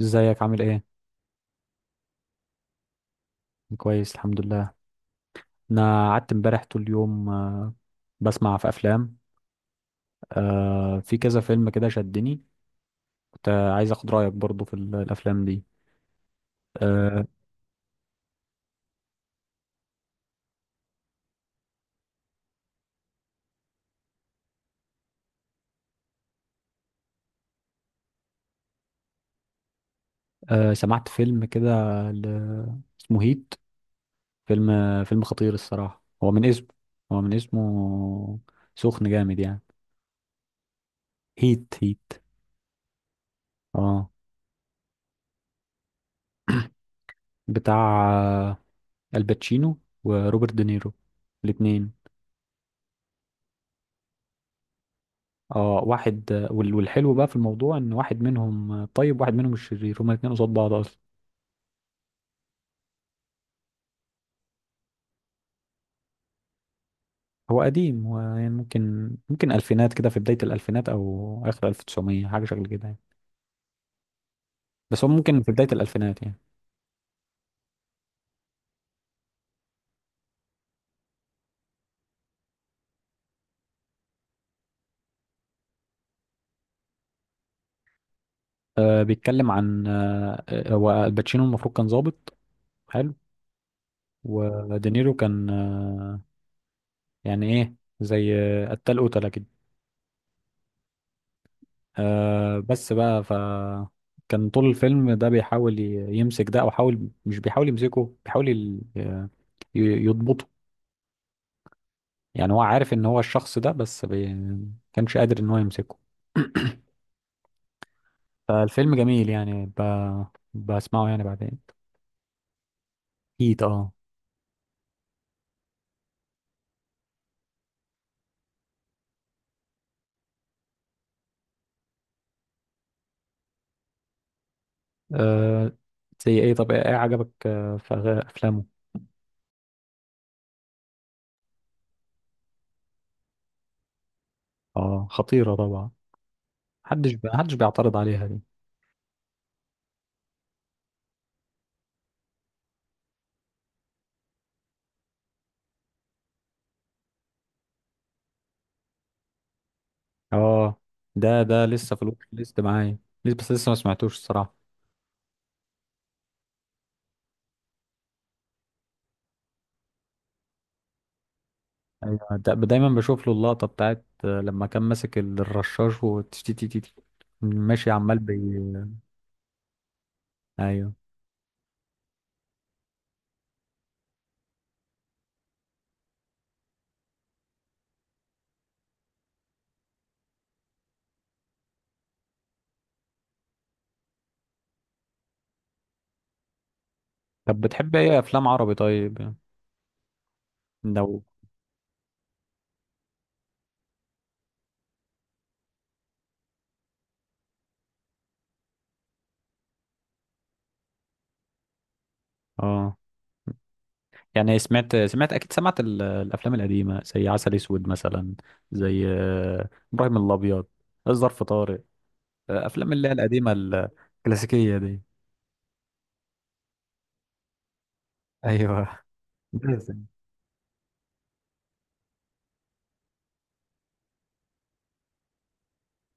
ازيك عامل ايه؟ كويس الحمد لله. انا قعدت امبارح طول اليوم، بسمع في افلام. في كذا فيلم كده شدني. كنت عايز اخد رايك برضو في الافلام دي. آه، سمعت فيلم كده اسمه هيت. فيلم فيلم خطير الصراحه، هو من اسمه، هو من اسمه سخن جامد يعني. هيت هيت. اه. بتاع آه، الباتشينو وروبرت دينيرو، الاتنين. اه، واحد والحلو بقى في الموضوع ان واحد منهم طيب واحد منهم الشرير، هما الاتنين قصاد بعض اصلا. هو قديم، هو يعني ممكن الفينات كده، في بداية الالفينات او اخر 1900، حاجة شكل كده يعني. بس هو ممكن في بداية الالفينات يعني. آه بيتكلم عن هو الباتشينو المفروض كان ظابط. حلو. ودينيرو كان آه يعني ايه، زي قتال قتلة كده. آه بس بقى، فكان طول الفيلم ده بيحاول يمسك ده، او حاول، مش بيحاول يمسكه، بيحاول يضبطه. يعني هو عارف ان هو الشخص ده، بس كانش قادر ان هو يمسكه. فالفيلم جميل يعني، بسمعه يعني بعدين. اكيد اه. آه، زي ايه؟ طب ايه، إيه عجبك في افلامه؟ اه خطيرة طبعا، محدش بيعترض عليها دي. اه، ده لسه في الواتش ليست معايا. لسه، بس لسه ما سمعتوش الصراحة. ايوه، دايما بشوف له اللقطه بتاعت لما كان ماسك الرشاش وتشتي تي تي تي ماشي عمال بي. ايوه. طب بتحب ايه، افلام عربي طيب؟ لو اه يعني سمعت الافلام القديمه زي عسل اسود مثلا، زي ابراهيم الابيض، الظرف طارق، افلام اللي هي القديمه، الكلاسيكيه دي. ايوه. بس.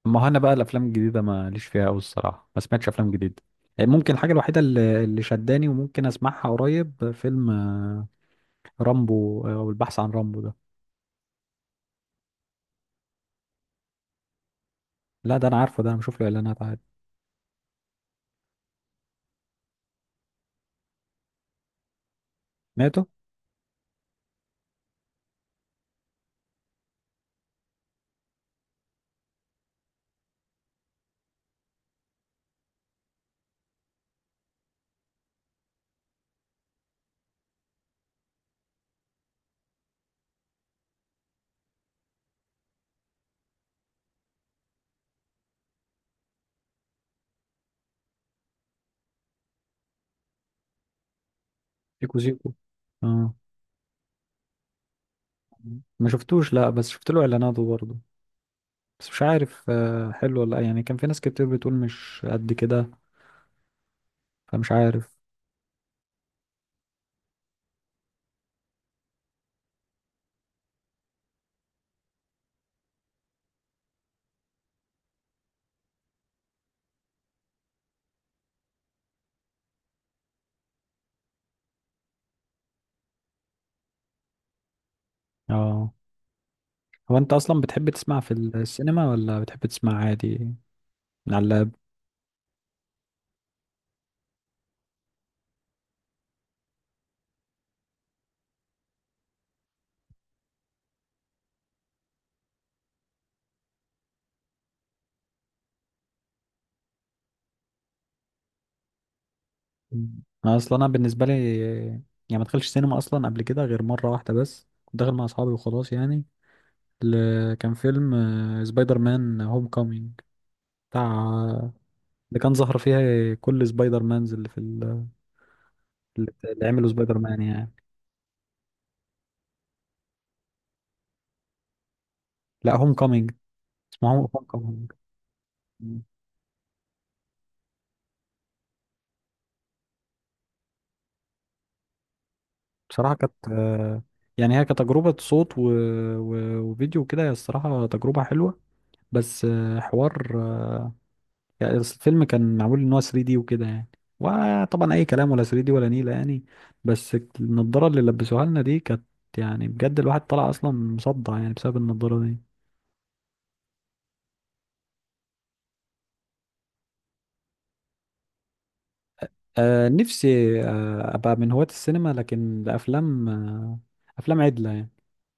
ما هو انا بقى الافلام الجديده ما ليش فيها قوي الصراحه، ما سمعتش افلام جديده. ممكن الحاجه الوحيده اللي شداني وممكن اسمعها قريب فيلم رامبو، او البحث عن رامبو ده. لا، ده انا عارفه ده، انا بشوف له اعلانات عادي. سمعته. سيكو سيكو. اه، ما شفتوش، لا، بس شفت له اعلاناته برضه. بس مش عارف حلو ولا لأ. يعني كان في ناس كتير بتقول مش قد كده، فمش عارف. اه، هو انت اصلا بتحب تسمع في السينما ولا بتحب تسمع عادي؟ من على. مم. اصلا انا بالنسبه لي، يعني ما دخلش سينما اصلا قبل كده غير مره واحده، بس كنت داخل مع اصحابي وخلاص يعني. كان فيلم سبايدر مان هوم كومينج، بتاع اللي كان ظهر فيها كل سبايدر مانز اللي في اللي عملوا سبايدر مان يعني. لا، هوم كومينج، اسمه هوم كومينج. بصراحه كانت يعني هي كتجربه صوت و وفيديو كده، هي الصراحه تجربه حلوه. بس حوار يعني، بس الفيلم كان معمول ان هو 3D وكده يعني، وطبعا اي كلام ولا 3D ولا نيله يعني. بس النضاره اللي لبسوها لنا دي كانت يعني بجد الواحد طلع اصلا مصدع يعني بسبب النضاره دي. آه نفسي آه ابقى من هواة السينما، لكن لافلام آه افلام عدله يعني.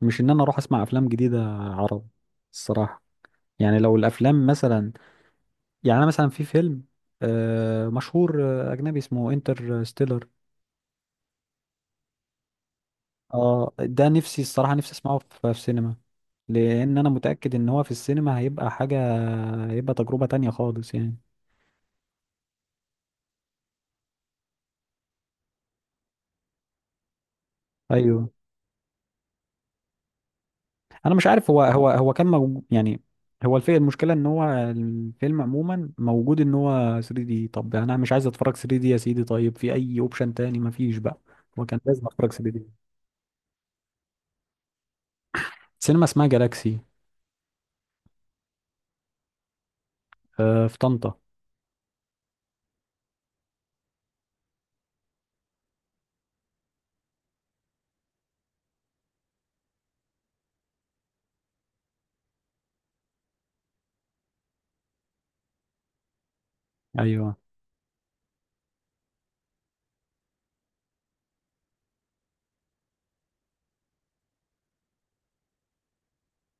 مش ان انا اروح اسمع افلام جديده عرب الصراحه. يعني لو الافلام مثلا، يعني انا مثلا، في فيلم آه مشهور اجنبي اسمه انترستيلر. اه، ده نفسي الصراحة، نفسي اسمعه في سينما، لان انا متأكد ان هو في السينما هيبقى حاجة، هيبقى تجربة تانية خالص يعني. ايوه، انا مش عارف، هو هو كان موجود يعني. هو الفيلم، المشكلة ان هو الفيلم عموما موجود ان هو 3D. طب انا مش عايز اتفرج 3D يا سيدي، طيب في اي اوبشن تاني؟ مفيش بقى. هو كان لازم اتفرج 3D. سينما اسمها جالاكسي. آه، في طنطا. ايوه،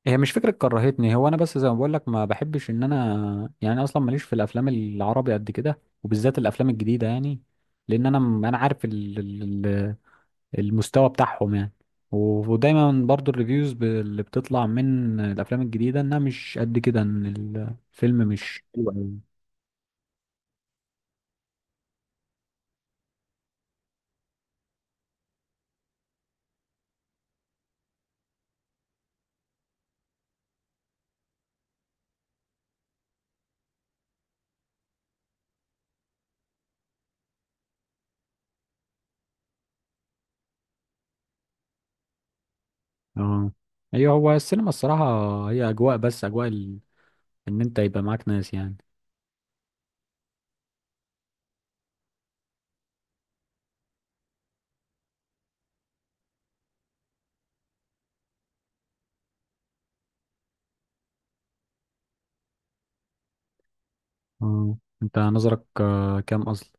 هي مش فكرة كرهتني، هو انا بس زي ما بقول لك ما بحبش ان انا، يعني اصلا ماليش في الافلام العربي قد كده، وبالذات الافلام الجديدة يعني. لان انا، انا عارف المستوى بتاعهم يعني. ودايما برضو الريفيوز اللي بتطلع من الافلام الجديدة انها مش قد كده، ان الفيلم مش حلو أوي. اه. ايوه، هو السينما الصراحة هي اجواء، بس اجواء ال. ان انت يبقى معاك ناس يعني. اه، انت نظرك كام اصلا؟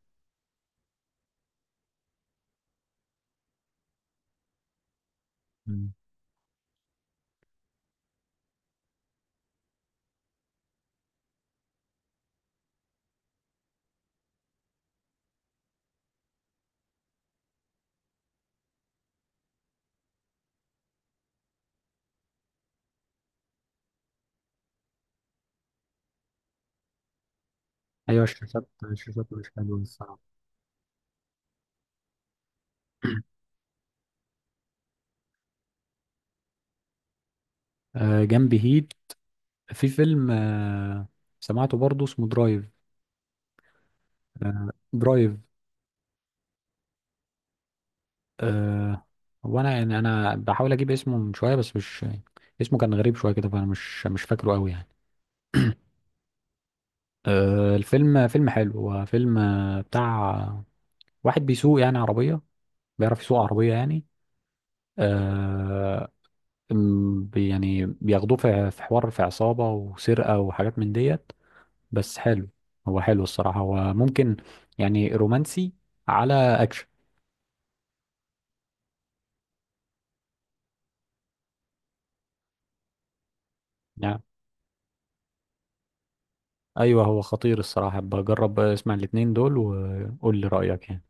مم. ايوه، الشاشات مش حلوة الصراحة. جنب هيت في فيلم سمعته برضه، اسمه درايف. درايف. آه، هو انا يعني، انا بحاول اجيب اسمه من شويه بس مش. اسمه كان غريب شويه كده، فانا مش فاكره قوي يعني. الفيلم فيلم حلو، هو فيلم بتاع واحد بيسوق يعني عربيه، بيعرف يسوق عربيه يعني. آه، يعني بياخدوه في حوار، في عصابه وسرقه وحاجات من ديت. بس حلو، هو حلو الصراحة، هو ممكن يعني رومانسي على أكشن. يعني أيوه، هو خطير الصراحة، بجرب اسمع الاتنين دول وقول لي رأيك يعني